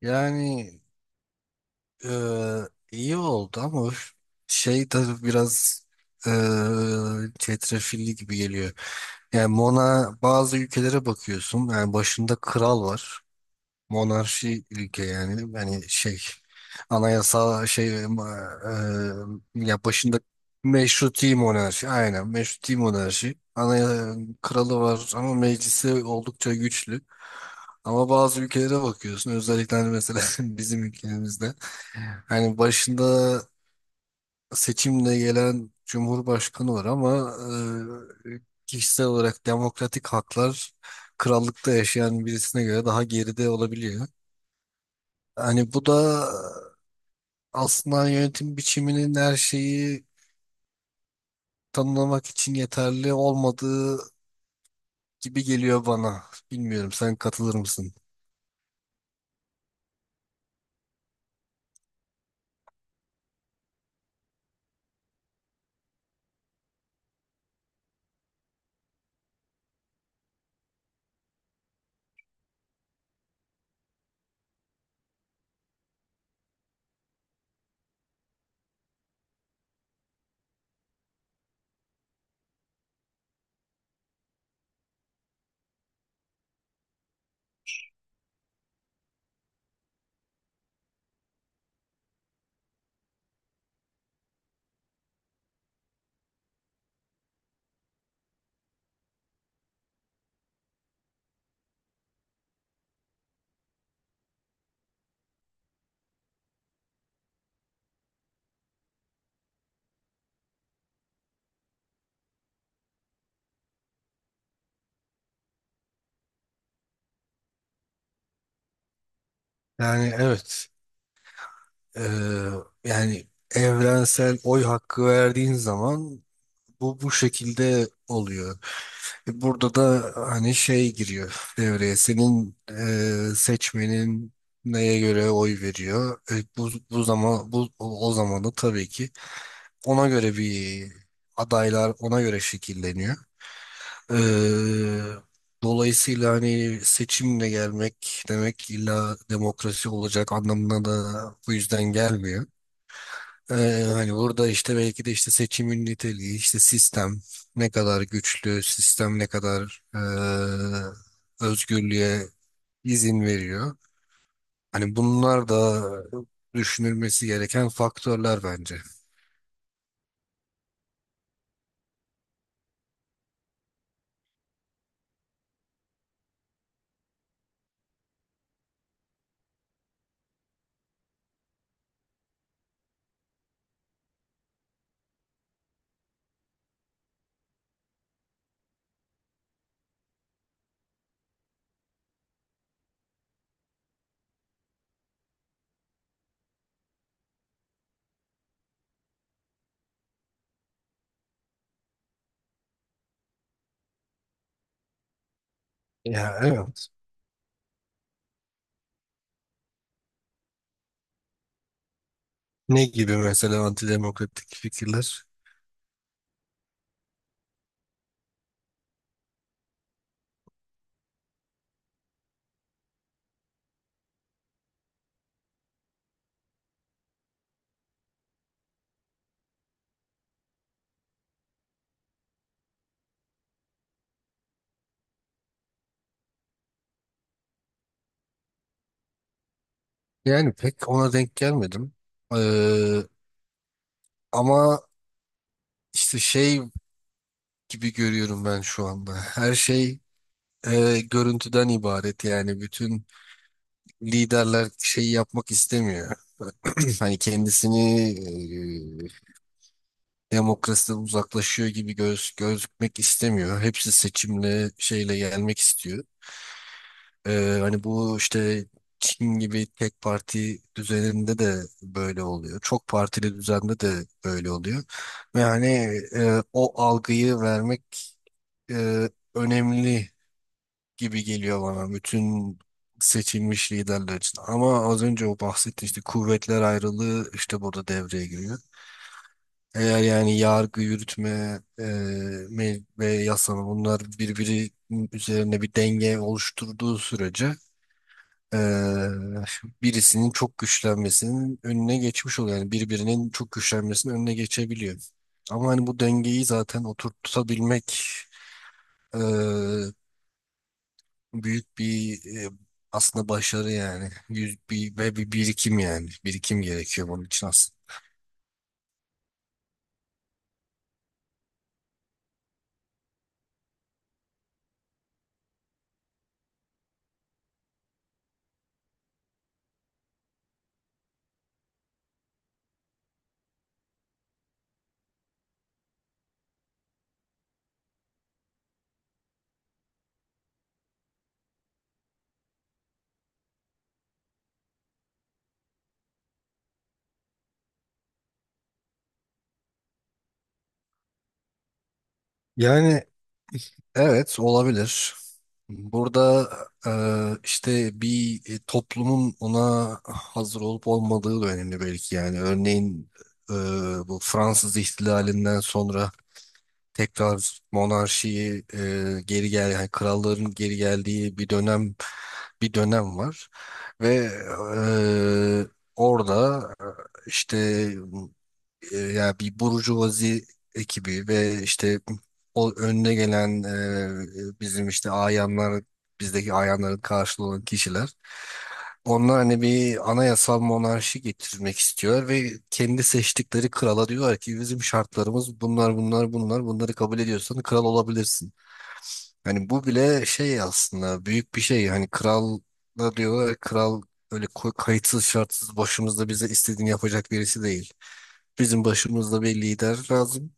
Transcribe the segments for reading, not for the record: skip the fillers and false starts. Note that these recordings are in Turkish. Yani iyi oldu ama öf- şey tabii biraz çetrefilli gibi geliyor. Yani Mona bazı ülkelere bakıyorsun. Yani başında kral var, monarşi ülke, anayasa ya başında meşruti monarşi, aynen meşruti monarşi, kralı var ama meclisi oldukça güçlü. Ama bazı ülkelere bakıyorsun, özellikle hani mesela bizim ülkemizde hani başında seçimle gelen cumhurbaşkanı var ama e, kişisel olarak demokratik haklar krallıkta yaşayan birisine göre daha geride olabiliyor. Hani bu da aslında yönetim biçiminin her şeyi tanımlamak için yeterli olmadığı gibi geliyor bana. Bilmiyorum, sen katılır mısın? Yani evet eee, yani evrensel oy hakkı verdiğin zaman bu şekilde oluyor. E, burada da hani şey giriyor devreye, senin seçmenin neye göre oy veriyor. E, bu zaman bu o o zaman da tabii ki ona göre bir, adaylar ona göre şekilleniyor. Ee, Dolayısıyla hani seçimle gelmek demek illa demokrasi olacak anlamına da bu yüzden gelmiyor. Ee, Hani burada işte belki de işte seçimin niteliği, işte sistem ne kadar güçlü, sistem ne kadar e, özgürlüğe izin veriyor. Hani bunlar da düşünülmesi gereken faktörler bence. Ya, evet. Ne gibi mesela antidemokratik fikirler? Yani pek ona denk gelmedim. Ee, Ama işte şey gibi görüyorum ben şu anda. Her şey e, görüntüden ibaret. Yani bütün liderler şeyi yapmak istemiyor. Hani kendisini e, demokrasiden uzaklaşıyor gibi gözükmek istemiyor. Hepsi seçimle şeyle gelmek istiyor. Hani bu işte Çin gibi tek parti düzeninde de böyle oluyor. Çok partili düzende de böyle oluyor. Ve hani e, o algıyı vermek e, önemli gibi geliyor bana bütün seçilmiş liderler için. Ama az önce o bahsetti, işte kuvvetler ayrılığı işte burada devreye giriyor. Eğer yani yargı, yürütme ve yasama, bunlar birbiri üzerine bir denge oluşturduğu sürece eee, birisinin çok güçlenmesinin önüne geçmiş oluyor. Yani birbirinin çok güçlenmesinin önüne geçebiliyor. Ama hani bu dengeyi zaten oturtabilmek eee, büyük bir aslında başarı yani. Yüz, bir, ve bir birikim yani. Birikim gerekiyor bunun için aslında. Yani evet, olabilir. Burada e, işte bir e, toplumun ona hazır olup olmadığı da önemli belki yani. Örneğin e, bu Fransız ihtilalinden sonra tekrar monarşiyi e, geri gel yani kralların geri geldiği bir dönem, bir dönem var ve orada işte ya bir burjuvazi ekibi ve işte o önüne gelen e, bizim işte ayanlar, bizdeki ayanların karşılığı olan kişiler, onlar hani bir anayasal monarşi getirmek istiyor ve kendi seçtikleri krala diyorlar ki bizim şartlarımız bunlar bunlar bunlar, bunları kabul ediyorsan kral olabilirsin. Hani bu bile şey aslında, büyük bir şey. Hani kral da diyorlar, kral öyle kayıtsız şartsız başımızda bize istediğini yapacak birisi değil. Bizim başımızda bir lider lazım.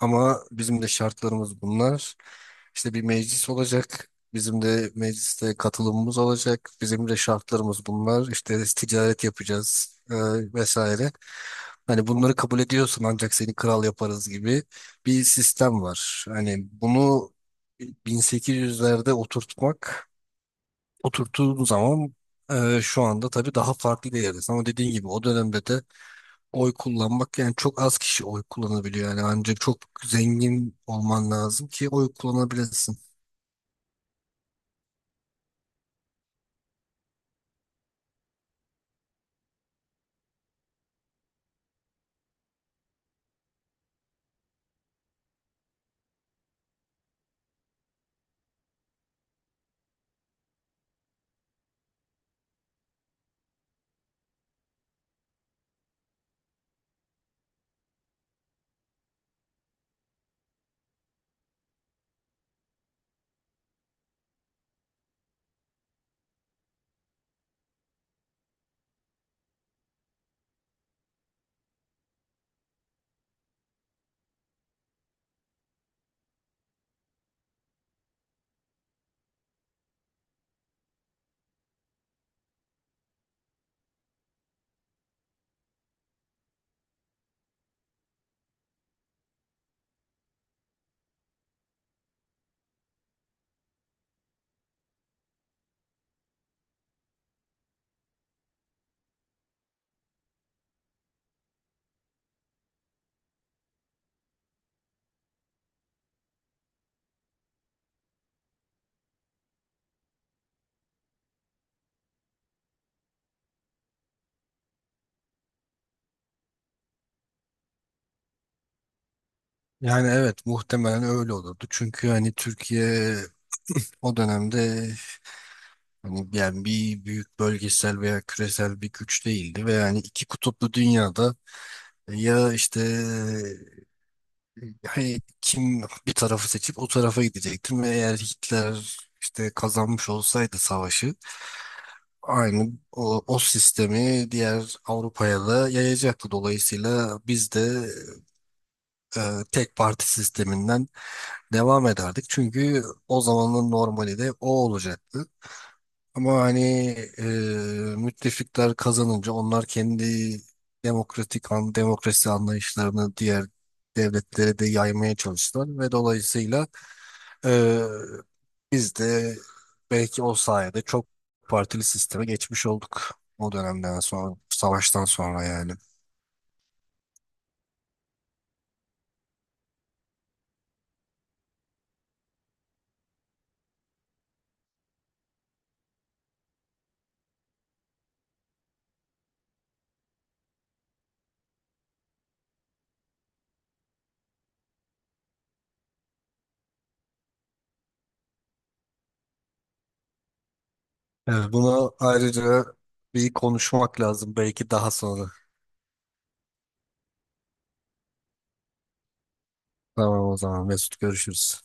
Ama bizim de şartlarımız bunlar. İşte bir meclis olacak. Bizim de mecliste katılımımız olacak. Bizim de şartlarımız bunlar. İşte ticaret yapacağız vesaire. Hani bunları kabul ediyorsun ancak seni kral yaparız gibi bir sistem var. Hani bunu 1800'lerde oturttuğun zaman, e, şu anda tabii daha farklı bir yerdesin. Ama dediğin gibi o dönemde de oy kullanmak yani, çok az kişi oy kullanabiliyor. Yani ancak çok zengin olman lazım ki oy kullanabilesin. Yani evet, muhtemelen öyle olurdu. Çünkü hani Türkiye o dönemde hani yani bir büyük bölgesel veya küresel bir güç değildi ve yani iki kutuplu dünyada ya işte, hani kim bir tarafı seçip o tarafa gidecektim ve eğer Hitler işte kazanmış olsaydı savaşı, aynı o sistemi diğer Avrupa'ya da yayacaktı. Dolayısıyla biz de e, tek parti sisteminden devam ederdik. Çünkü o zamanın normali de o olacaktı. Ama hani e, müttefikler kazanınca onlar kendi demokrasi anlayışlarını diğer devletlere de yaymaya çalıştılar ve dolayısıyla Ee, biz de belki o sayede çok partili sisteme geçmiş olduk. O dönemden sonra, savaştan sonra yani. Evet, bunu ayrıca bir konuşmak lazım belki daha sonra. Tamam o zaman Mesut, görüşürüz.